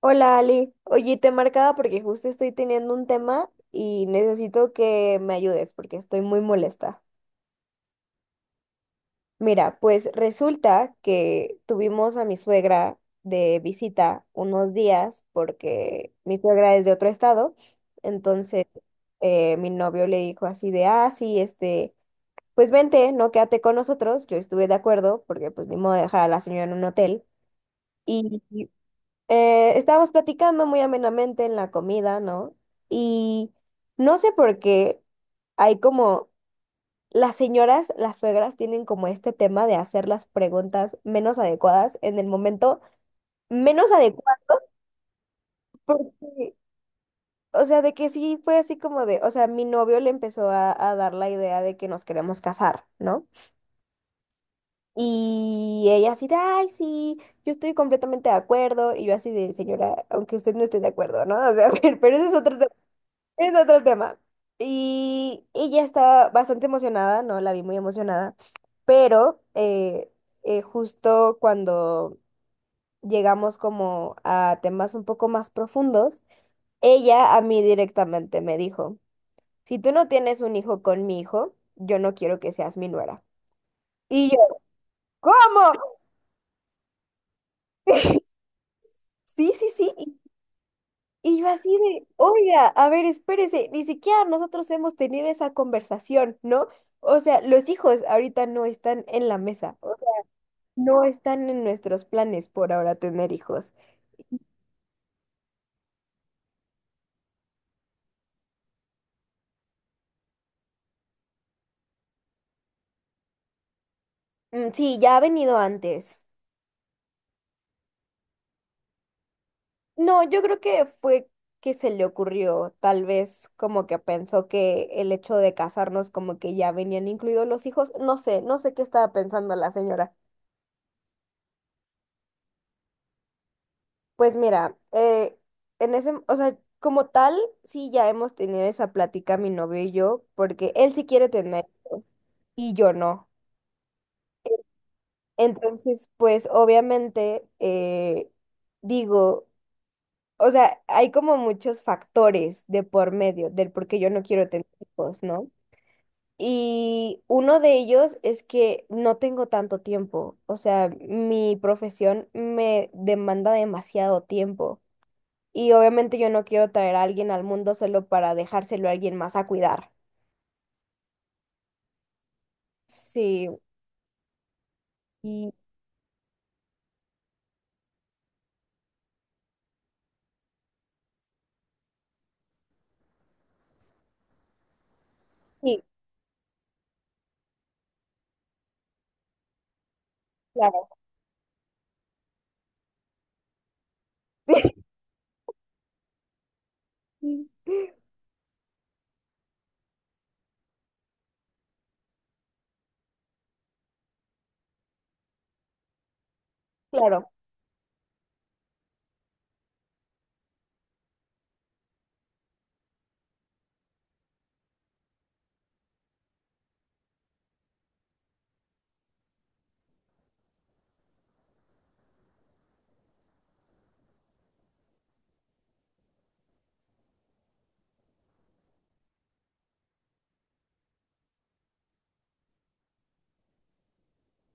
Hola Ali, oye, te marcaba porque justo estoy teniendo un tema y necesito que me ayudes porque estoy muy molesta. Mira, pues resulta que tuvimos a mi suegra de visita unos días porque mi suegra es de otro estado, entonces mi novio le dijo así de, ah, sí, este, pues vente, no quédate con nosotros, yo estuve de acuerdo porque pues ni modo de dejar a la señora en un hotel. Y estábamos platicando muy amenamente en la comida, ¿no? Y no sé por qué hay como, las señoras, las suegras tienen como este tema de hacer las preguntas menos adecuadas en el momento menos adecuado, porque, o sea, de que sí fue así como de, o sea, mi novio le empezó a dar la idea de que nos queremos casar, ¿no? Y ella así de, ay, sí, yo estoy completamente de acuerdo, y yo así de, señora, aunque usted no esté de acuerdo, ¿no? O sea, pero ese es otro tema. Es otro tema. Y ella estaba bastante emocionada, ¿no? La vi muy emocionada, pero justo cuando llegamos como a temas un poco más profundos, ella a mí directamente me dijo, si tú no tienes un hijo con mi hijo, yo no quiero que seas mi nuera. Y yo, ¿cómo? Sí, sí, sí. Y yo así de, oiga, a ver, espérese, ni siquiera nosotros hemos tenido esa conversación, ¿no? O sea, los hijos ahorita no están en la mesa, o sea, no están en nuestros planes por ahora tener hijos. Mm, sí, ya ha venido antes. No, yo creo que fue que se le ocurrió, tal vez como que pensó que el hecho de casarnos como que ya venían incluidos los hijos, no sé, no sé qué estaba pensando la señora. Pues mira, en ese, o sea, como tal, sí ya hemos tenido esa plática mi novio y yo, porque él sí quiere tener hijos y yo no. Entonces, pues obviamente, digo, o sea, hay como muchos factores de por medio del por qué yo no quiero tener hijos, ¿no? Y uno de ellos es que no tengo tanto tiempo, o sea, mi profesión me demanda demasiado tiempo. Y obviamente yo no quiero traer a alguien al mundo solo para dejárselo a alguien más a cuidar. Sí, y sí, claro, sí, claro,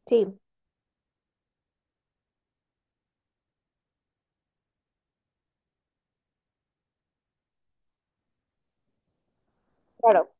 sí, claro,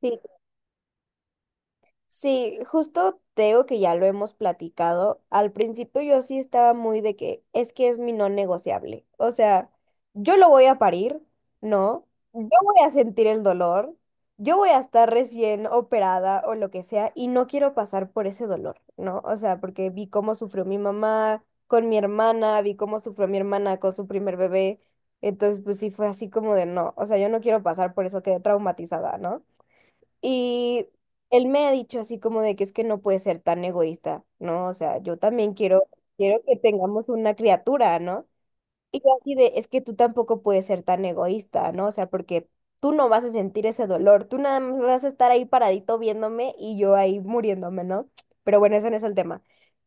sí. Sí, justo te digo que ya lo hemos platicado. Al principio yo sí estaba muy de que es mi no negociable. O sea, yo lo voy a parir, ¿no? Yo voy a sentir el dolor, yo voy a estar recién operada o lo que sea y no quiero pasar por ese dolor, ¿no? O sea, porque vi cómo sufrió mi mamá con mi hermana, vi cómo sufrió mi hermana con su primer bebé. Entonces, pues sí fue así como de no, o sea, yo no quiero pasar por eso, quedé traumatizada, ¿no? Y él me ha dicho así como de que es que no puede ser tan egoísta, ¿no? O sea, yo también quiero, quiero que tengamos una criatura, ¿no? Y yo así de, es que tú tampoco puedes ser tan egoísta, ¿no? O sea, porque tú no vas a sentir ese dolor, tú nada más vas a estar ahí paradito viéndome y yo ahí muriéndome, ¿no? Pero bueno, ese no es el tema.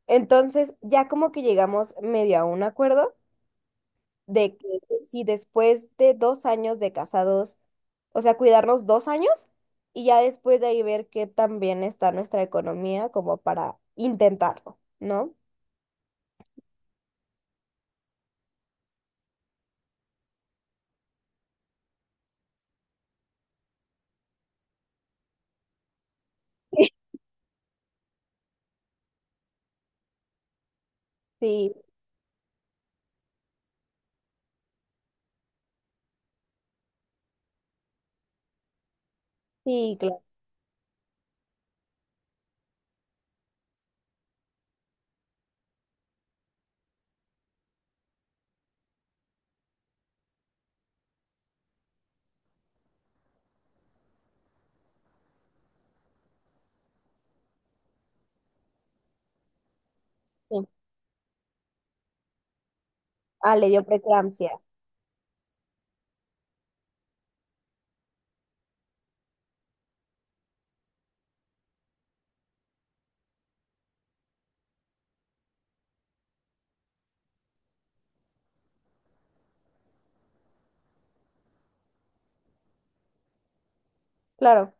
Entonces, ya como que llegamos medio a un acuerdo de que si después de 2 años de casados, o sea, cuidarnos 2 años y ya después de ahí ver qué tan bien está nuestra economía como para intentarlo, ¿no? Sí, sí, claro. Sí. Ah, le dio preeclampsia. Claro,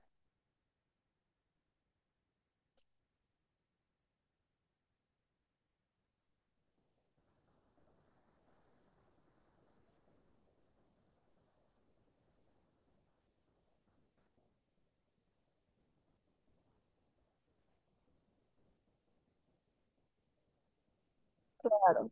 claro,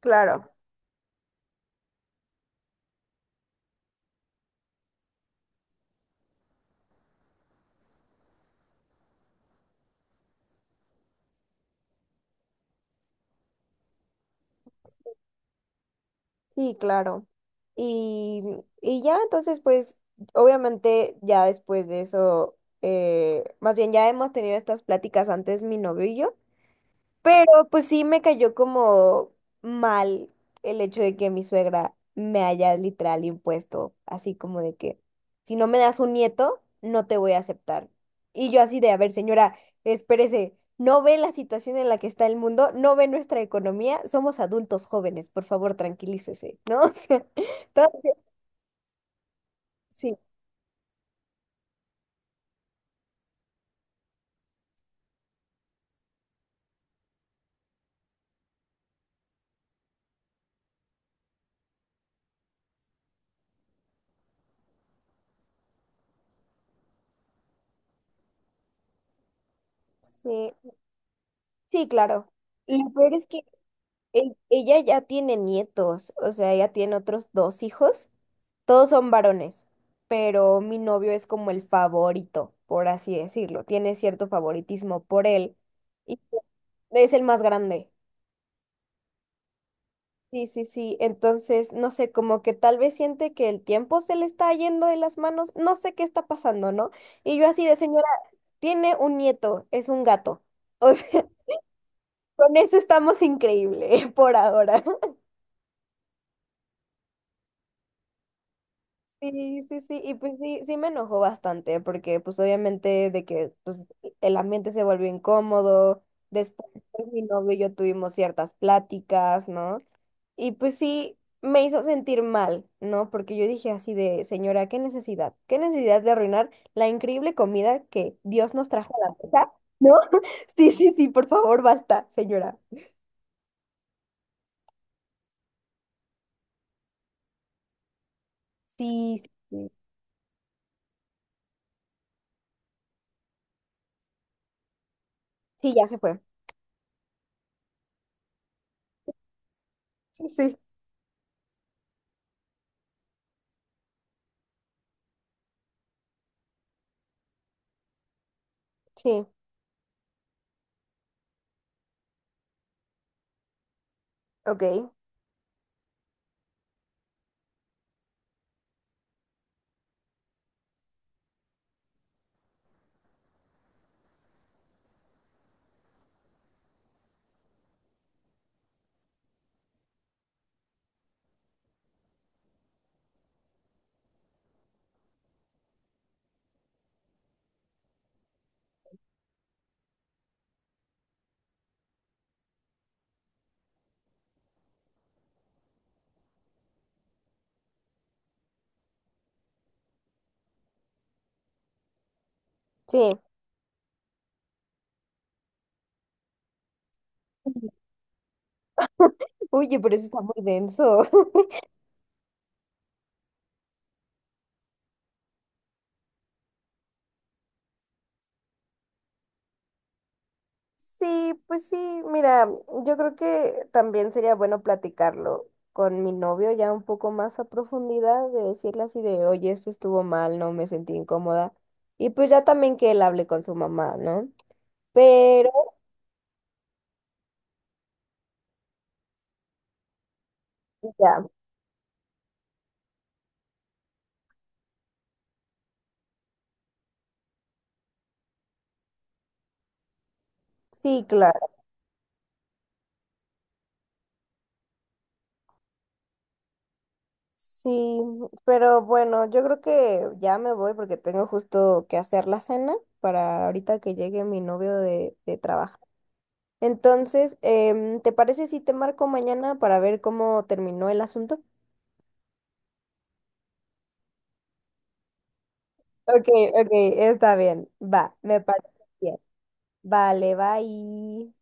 claro. Sí, claro. Y, y ya entonces, pues, obviamente ya después de eso, más bien ya hemos tenido estas pláticas antes mi novio y yo. Pero pues sí me cayó como mal el hecho de que mi suegra me haya literal impuesto, así como de que si no me das un nieto, no te voy a aceptar. Y yo así de, a ver, señora, espérese, no ve la situación en la que está el mundo, no ve nuestra economía, somos adultos jóvenes, por favor, tranquilícese, ¿no? O sea, entonces, sí, sí, sí, claro. Lo peor es que ella ya tiene nietos, o sea, ella tiene otros dos hijos. Todos son varones, pero mi novio es como el favorito, por así decirlo. Tiene cierto favoritismo por él y es el más grande. Sí, sí, sí. Entonces, no sé, como que tal vez siente que el tiempo se le está yendo de las manos. No sé qué está pasando, ¿no? Y yo así de señora, tiene un nieto, es un gato. O sea, con eso estamos increíble por ahora. Sí, sí, sí, y pues sí, sí me enojó bastante, porque pues obviamente de que pues el ambiente se volvió incómodo, después pues, mi novio y yo tuvimos ciertas pláticas, ¿no? Y pues sí, me hizo sentir mal, ¿no? Porque yo dije así de, señora, qué necesidad de arruinar la increíble comida que Dios nos trajo a la mesa, ¿no? Sí, sí, sí, por favor, basta, señora. Sí, sí, sí, sí, ya se fue. Sí, sí, sí, ok, sí. Oye, pero eso está muy denso. Sí, pues sí, mira, yo creo que también sería bueno platicarlo con mi novio ya un poco más a profundidad, de decirle así de, oye, esto estuvo mal, no me sentí incómoda. Y pues ya también que él hable con su mamá, ¿no? Pero ya, sí, claro. Sí, pero bueno, yo creo que ya me voy porque tengo justo que hacer la cena para ahorita que llegue mi novio de trabajar. Entonces, ¿te parece si te marco mañana para ver cómo terminó el asunto? Ok, ok, está bien. Va, me parece bien. Vale, bye.